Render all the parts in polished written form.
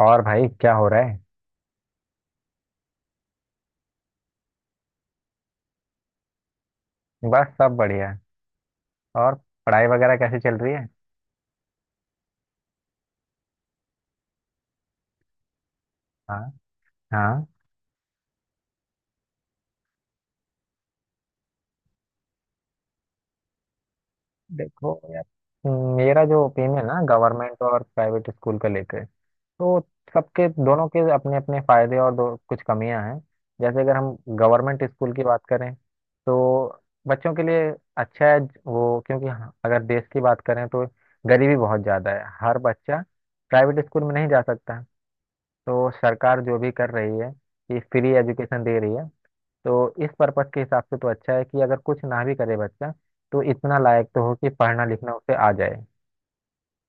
और भाई क्या हो रहा है? बस सब बढ़िया। और पढ़ाई वगैरह कैसे चल रही है? हाँ, हाँ। देखो यार, मेरा जो ओपिनियन है ना गवर्नमेंट और प्राइवेट स्कूल का लेकर, तो सबके दोनों के अपने अपने फायदे और दो कुछ कमियां हैं। जैसे अगर हम गवर्नमेंट स्कूल की बात करें तो बच्चों के लिए अच्छा है वो, क्योंकि हाँ, अगर देश की बात करें तो गरीबी बहुत ज़्यादा है, हर बच्चा प्राइवेट स्कूल में नहीं जा सकता। तो सरकार जो भी कर रही है, ये फ्री एजुकेशन दे रही है। तो इस पर्पस के हिसाब से तो अच्छा है कि अगर कुछ ना भी करे बच्चा, तो इतना लायक तो हो कि पढ़ना लिखना उसे आ जाए।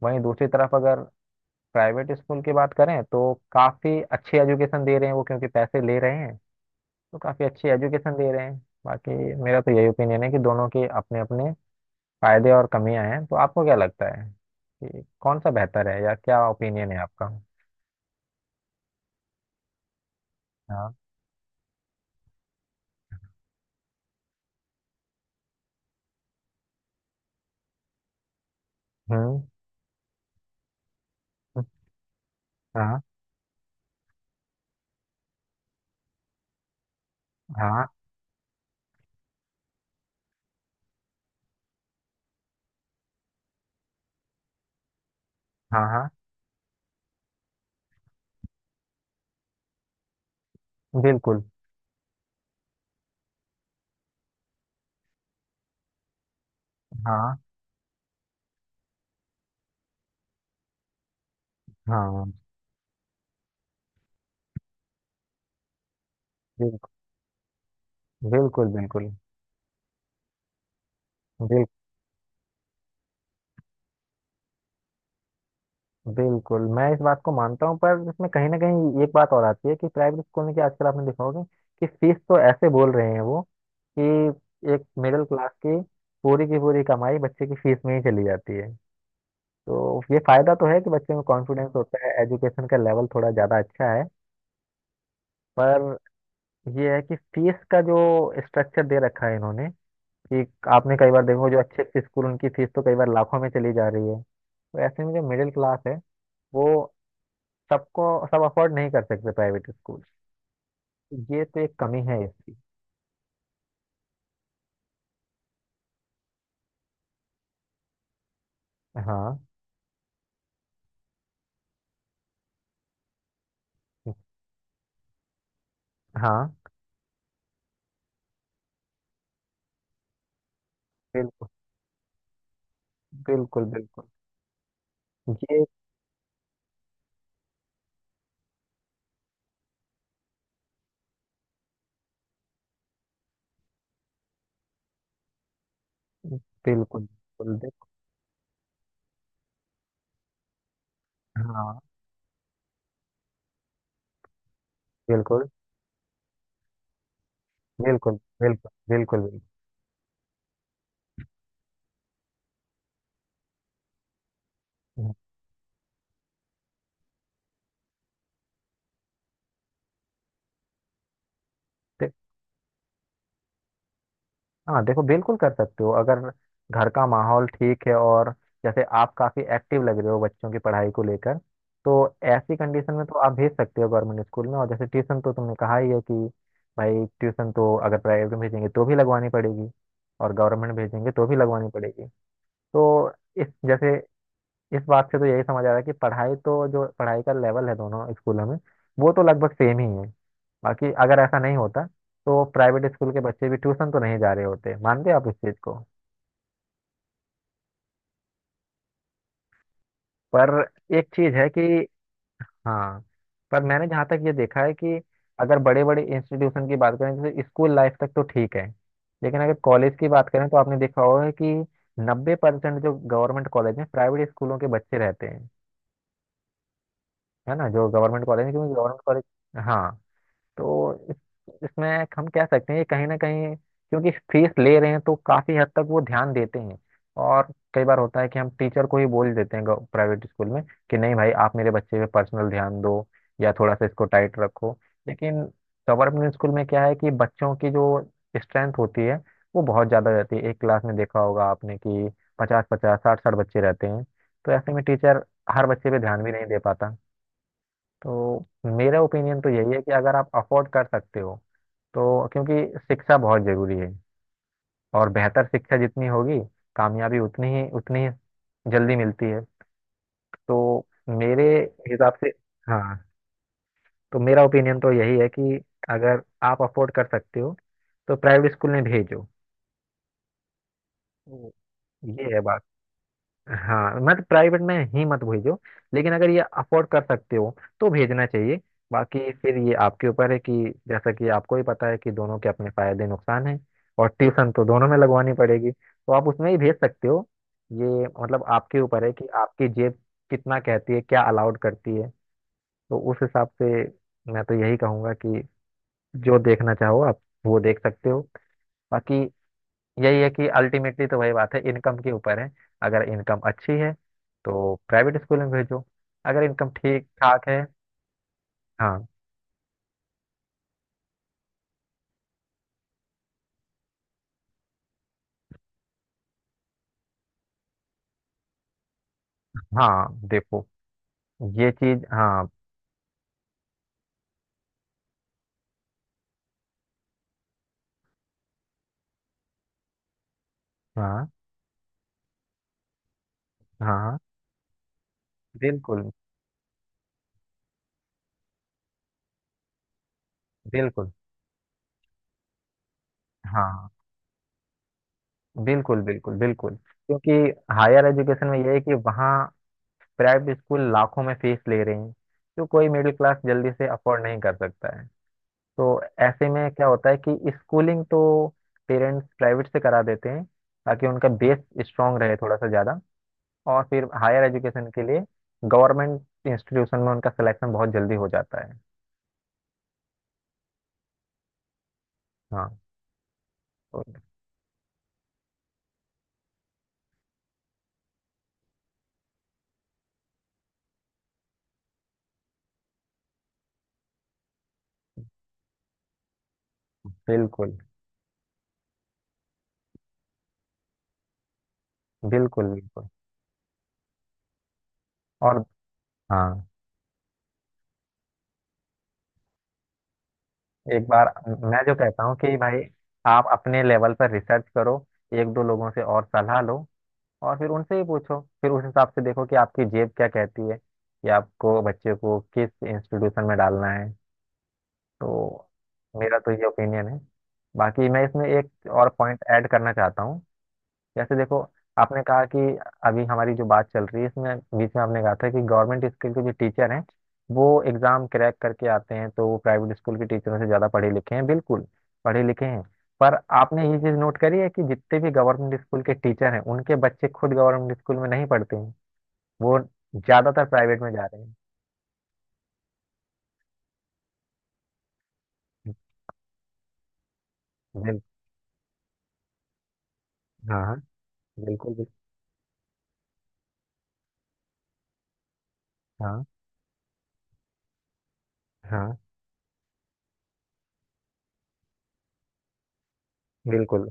वहीं दूसरी तरफ अगर प्राइवेट स्कूल की बात करें तो काफ़ी अच्छी एजुकेशन दे रहे हैं वो, क्योंकि पैसे ले रहे हैं, तो काफ़ी अच्छी एजुकेशन दे रहे हैं। बाकी मेरा तो यही ओपिनियन है कि दोनों के अपने अपने फायदे और कमियां हैं। तो आपको क्या लगता है कि कौन सा बेहतर है, या क्या ओपिनियन है आपका? हाँ। हम्म। हाँ, हाँ, हाँ, हाँ, बिल्कुल, हाँ, हाँ, बिल्कुल, बिल्कुल, बिल्कुल। बिल, बिल्कुल मैं इस बात को मानता हूँ, पर इसमें कहीं ना कहीं एक बात और आती है कि प्राइवेट स्कूल में क्या आजकल आपने देखा होगा कि फीस तो ऐसे बोल रहे हैं वो, कि एक मिडिल क्लास की पूरी कमाई बच्चे की फीस में ही चली जाती है। तो ये फायदा तो है कि बच्चे में कॉन्फिडेंस होता है, एजुकेशन का लेवल थोड़ा ज्यादा अच्छा है। पर ये है कि फीस का जो स्ट्रक्चर दे रखा है इन्होंने, कि आपने कई बार देखो, जो अच्छे अच्छे स्कूल उनकी फीस तो कई बार लाखों में चली जा रही है। तो ऐसे में जो मिडिल क्लास है, वो सबको सब अफोर्ड नहीं कर सकते प्राइवेट स्कूल। ये तो एक कमी है इसकी। हाँ, हाँ, बिल्कुल, बिल्कुल, बिल्कुल, ये बिल्कुल, बिल्कुल, हाँ, बिल्कुल, बिल्कुल, बिल्कुल, बिल्कुल, बिल्कुल। हाँ, देखो, बिल्कुल कर सकते हो अगर घर का माहौल ठीक है, और जैसे आप काफी एक्टिव लग रहे हो बच्चों की पढ़ाई को लेकर, तो ऐसी कंडीशन में तो आप भेज सकते हो गवर्नमेंट स्कूल में। और जैसे ट्यूशन तो तुमने कहा ही है कि भाई, ट्यूशन तो अगर प्राइवेट में भेजेंगे तो भी लगवानी पड़ेगी, और गवर्नमेंट भेजेंगे तो भी लगवानी पड़ेगी। तो इस जैसे इस बात से तो यही समझ आ रहा है कि पढ़ाई तो, जो पढ़ाई का लेवल है दोनों स्कूलों में, वो तो लगभग सेम ही है। बाकी अगर ऐसा नहीं होता तो प्राइवेट स्कूल के बच्चे भी ट्यूशन तो नहीं जा रहे होते। मानते हैं आप इस चीज को? पर एक चीज है कि, हाँ, पर मैंने जहाँ तक ये देखा है कि अगर बड़े बड़े इंस्टीट्यूशन की बात करें, जैसे स्कूल लाइफ तक तो ठीक है, लेकिन अगर कॉलेज की बात करें तो आपने देखा होगा कि 90% जो गवर्नमेंट कॉलेज में प्राइवेट स्कूलों के बच्चे रहते हैं, है ना? जो गवर्नमेंट कॉलेज है, क्योंकि गवर्नमेंट कॉलेज, हाँ। तो इसमें हम कह सकते हैं कि कहीं ना कहीं क्योंकि फीस ले रहे हैं, तो काफी हद तक वो ध्यान देते हैं। और कई बार होता है कि हम टीचर को ही बोल देते हैं प्राइवेट स्कूल में, कि नहीं भाई, आप मेरे बच्चे पे पर्सनल ध्यान दो, या थोड़ा सा इसको टाइट रखो। लेकिन गवर्नमेंट स्कूल में क्या है कि बच्चों की जो स्ट्रेंथ होती है, वो बहुत ज्यादा रहती है। एक क्लास में देखा होगा आपने कि 50, 50, 60, 60 बच्चे रहते हैं, तो ऐसे में टीचर हर बच्चे पे ध्यान भी नहीं दे पाता। तो मेरा ओपिनियन तो यही है कि अगर आप अफोर्ड कर सकते हो, तो, क्योंकि शिक्षा बहुत जरूरी है और बेहतर शिक्षा जितनी होगी, कामयाबी उतनी ही जल्दी मिलती है। तो मेरे हिसाब से, हाँ, तो मेरा ओपिनियन तो यही है कि अगर आप अफोर्ड कर सकते हो तो प्राइवेट स्कूल में भेजो। हम्म। ये है बात। हाँ, मत प्राइवेट में ही मत भेजो, लेकिन अगर ये अफोर्ड कर सकते हो तो भेजना चाहिए। बाकी फिर ये आपके ऊपर है, कि जैसा कि आपको ही पता है कि दोनों के अपने फायदे नुकसान हैं, और ट्यूशन तो दोनों में लगवानी पड़ेगी, तो आप उसमें ही भेज सकते हो। ये मतलब आपके ऊपर है कि आपकी जेब कितना कहती है, क्या अलाउड करती है। तो उस हिसाब से मैं तो यही कहूंगा कि जो देखना चाहो आप, वो देख सकते हो। बाकी यही है कि अल्टीमेटली तो वही बात है, इनकम के ऊपर है। अगर इनकम अच्छी है तो प्राइवेट स्कूल में भेजो। अगर इनकम ठीक ठाक है, हाँ, हाँ, देखो, ये चीज, हाँ, हाँ, हाँ, बिल्कुल, बिल्कुल, हाँ, बिल्कुल, बिल्कुल, बिल्कुल। क्योंकि हायर एजुकेशन में ये है कि वहाँ प्राइवेट स्कूल लाखों में फीस ले रहे हैं, जो कोई मिडिल क्लास जल्दी से अफोर्ड नहीं कर सकता है। तो ऐसे में क्या होता है कि स्कूलिंग तो पेरेंट्स प्राइवेट से करा देते हैं, ताकि उनका बेस स्ट्रांग रहे थोड़ा सा ज़्यादा, और फिर हायर एजुकेशन के लिए गवर्नमेंट इंस्टीट्यूशन में उनका सिलेक्शन बहुत जल्दी हो जाता है। हाँ, तो बिल्कुल, बिल्कुल, बिल्कुल। और हाँ, एक बार मैं जो कहता हूँ कि भाई, आप अपने लेवल पर रिसर्च करो, एक दो लोगों से और सलाह लो, और फिर उनसे ही पूछो, फिर उस हिसाब से देखो कि आपकी जेब क्या कहती है, कि आपको बच्चे को किस इंस्टीट्यूशन में डालना है। तो मेरा तो ये ओपिनियन है। बाकी मैं इसमें एक और पॉइंट ऐड करना चाहता हूँ। जैसे देखो, आपने कहा कि अभी हमारी जो बात चल रही है, इसमें बीच में आपने कहा था कि गवर्नमेंट स्कूल के जो टीचर हैं वो एग्ज़ाम क्रैक करके आते हैं, तो वो प्राइवेट स्कूल के टीचरों से ज़्यादा पढ़े लिखे हैं, बिल्कुल पढ़े लिखे हैं। पर आपने ये चीज़ नोट करी है कि जितने भी गवर्नमेंट स्कूल के टीचर हैं, उनके बच्चे खुद गवर्नमेंट स्कूल में नहीं पढ़ते हैं, वो ज़्यादातर प्राइवेट में जा रहे हैं। बिल, हाँ, बिल्कुल, बिल्कुल, हाँ, हाँ, बिल्कुल,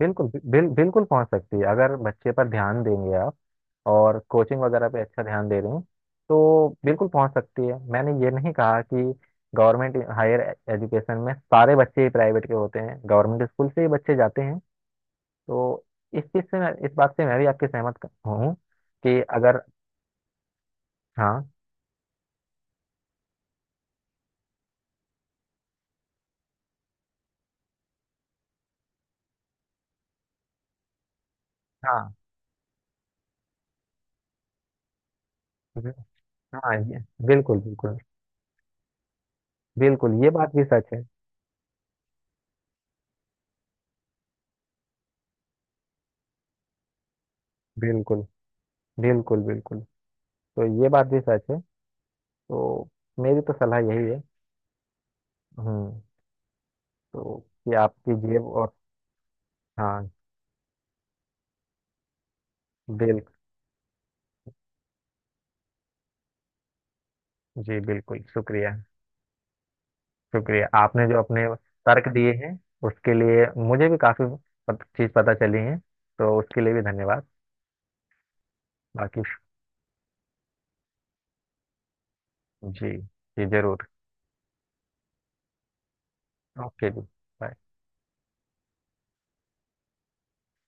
बिल्कुल, बिल्कुल पहुंच सकती है, अगर बच्चे पर ध्यान देंगे आप और कोचिंग वगैरह पे अच्छा ध्यान दे रहे हैं, तो बिल्कुल पहुंच सकती है। मैंने ये नहीं कहा कि गवर्नमेंट हायर एजुकेशन में सारे बच्चे ही प्राइवेट के होते हैं, गवर्नमेंट स्कूल से ही बच्चे जाते हैं। तो इस बात से मैं भी आपके सहमत हूँ, कि अगर, हाँ, हाँ, हम्म, हाँ, ये बिल्कुल, बिल्कुल, बिल्कुल। ये बात भी सच है। बिल्कुल, बिल्कुल, बिल्कुल, तो ये बात भी सच है। तो मेरी तो सलाह यही है। हम्म तो ये आपकी जेब, और हाँ, बिल जी, बिल्कुल, शुक्रिया, शुक्रिया। आपने जो अपने तर्क दिए हैं, उसके लिए मुझे भी काफ़ी चीज़ पता चली है, तो उसके लिए भी धन्यवाद। बाकी जी, जी, ज़रूर। ओके जी। बाय।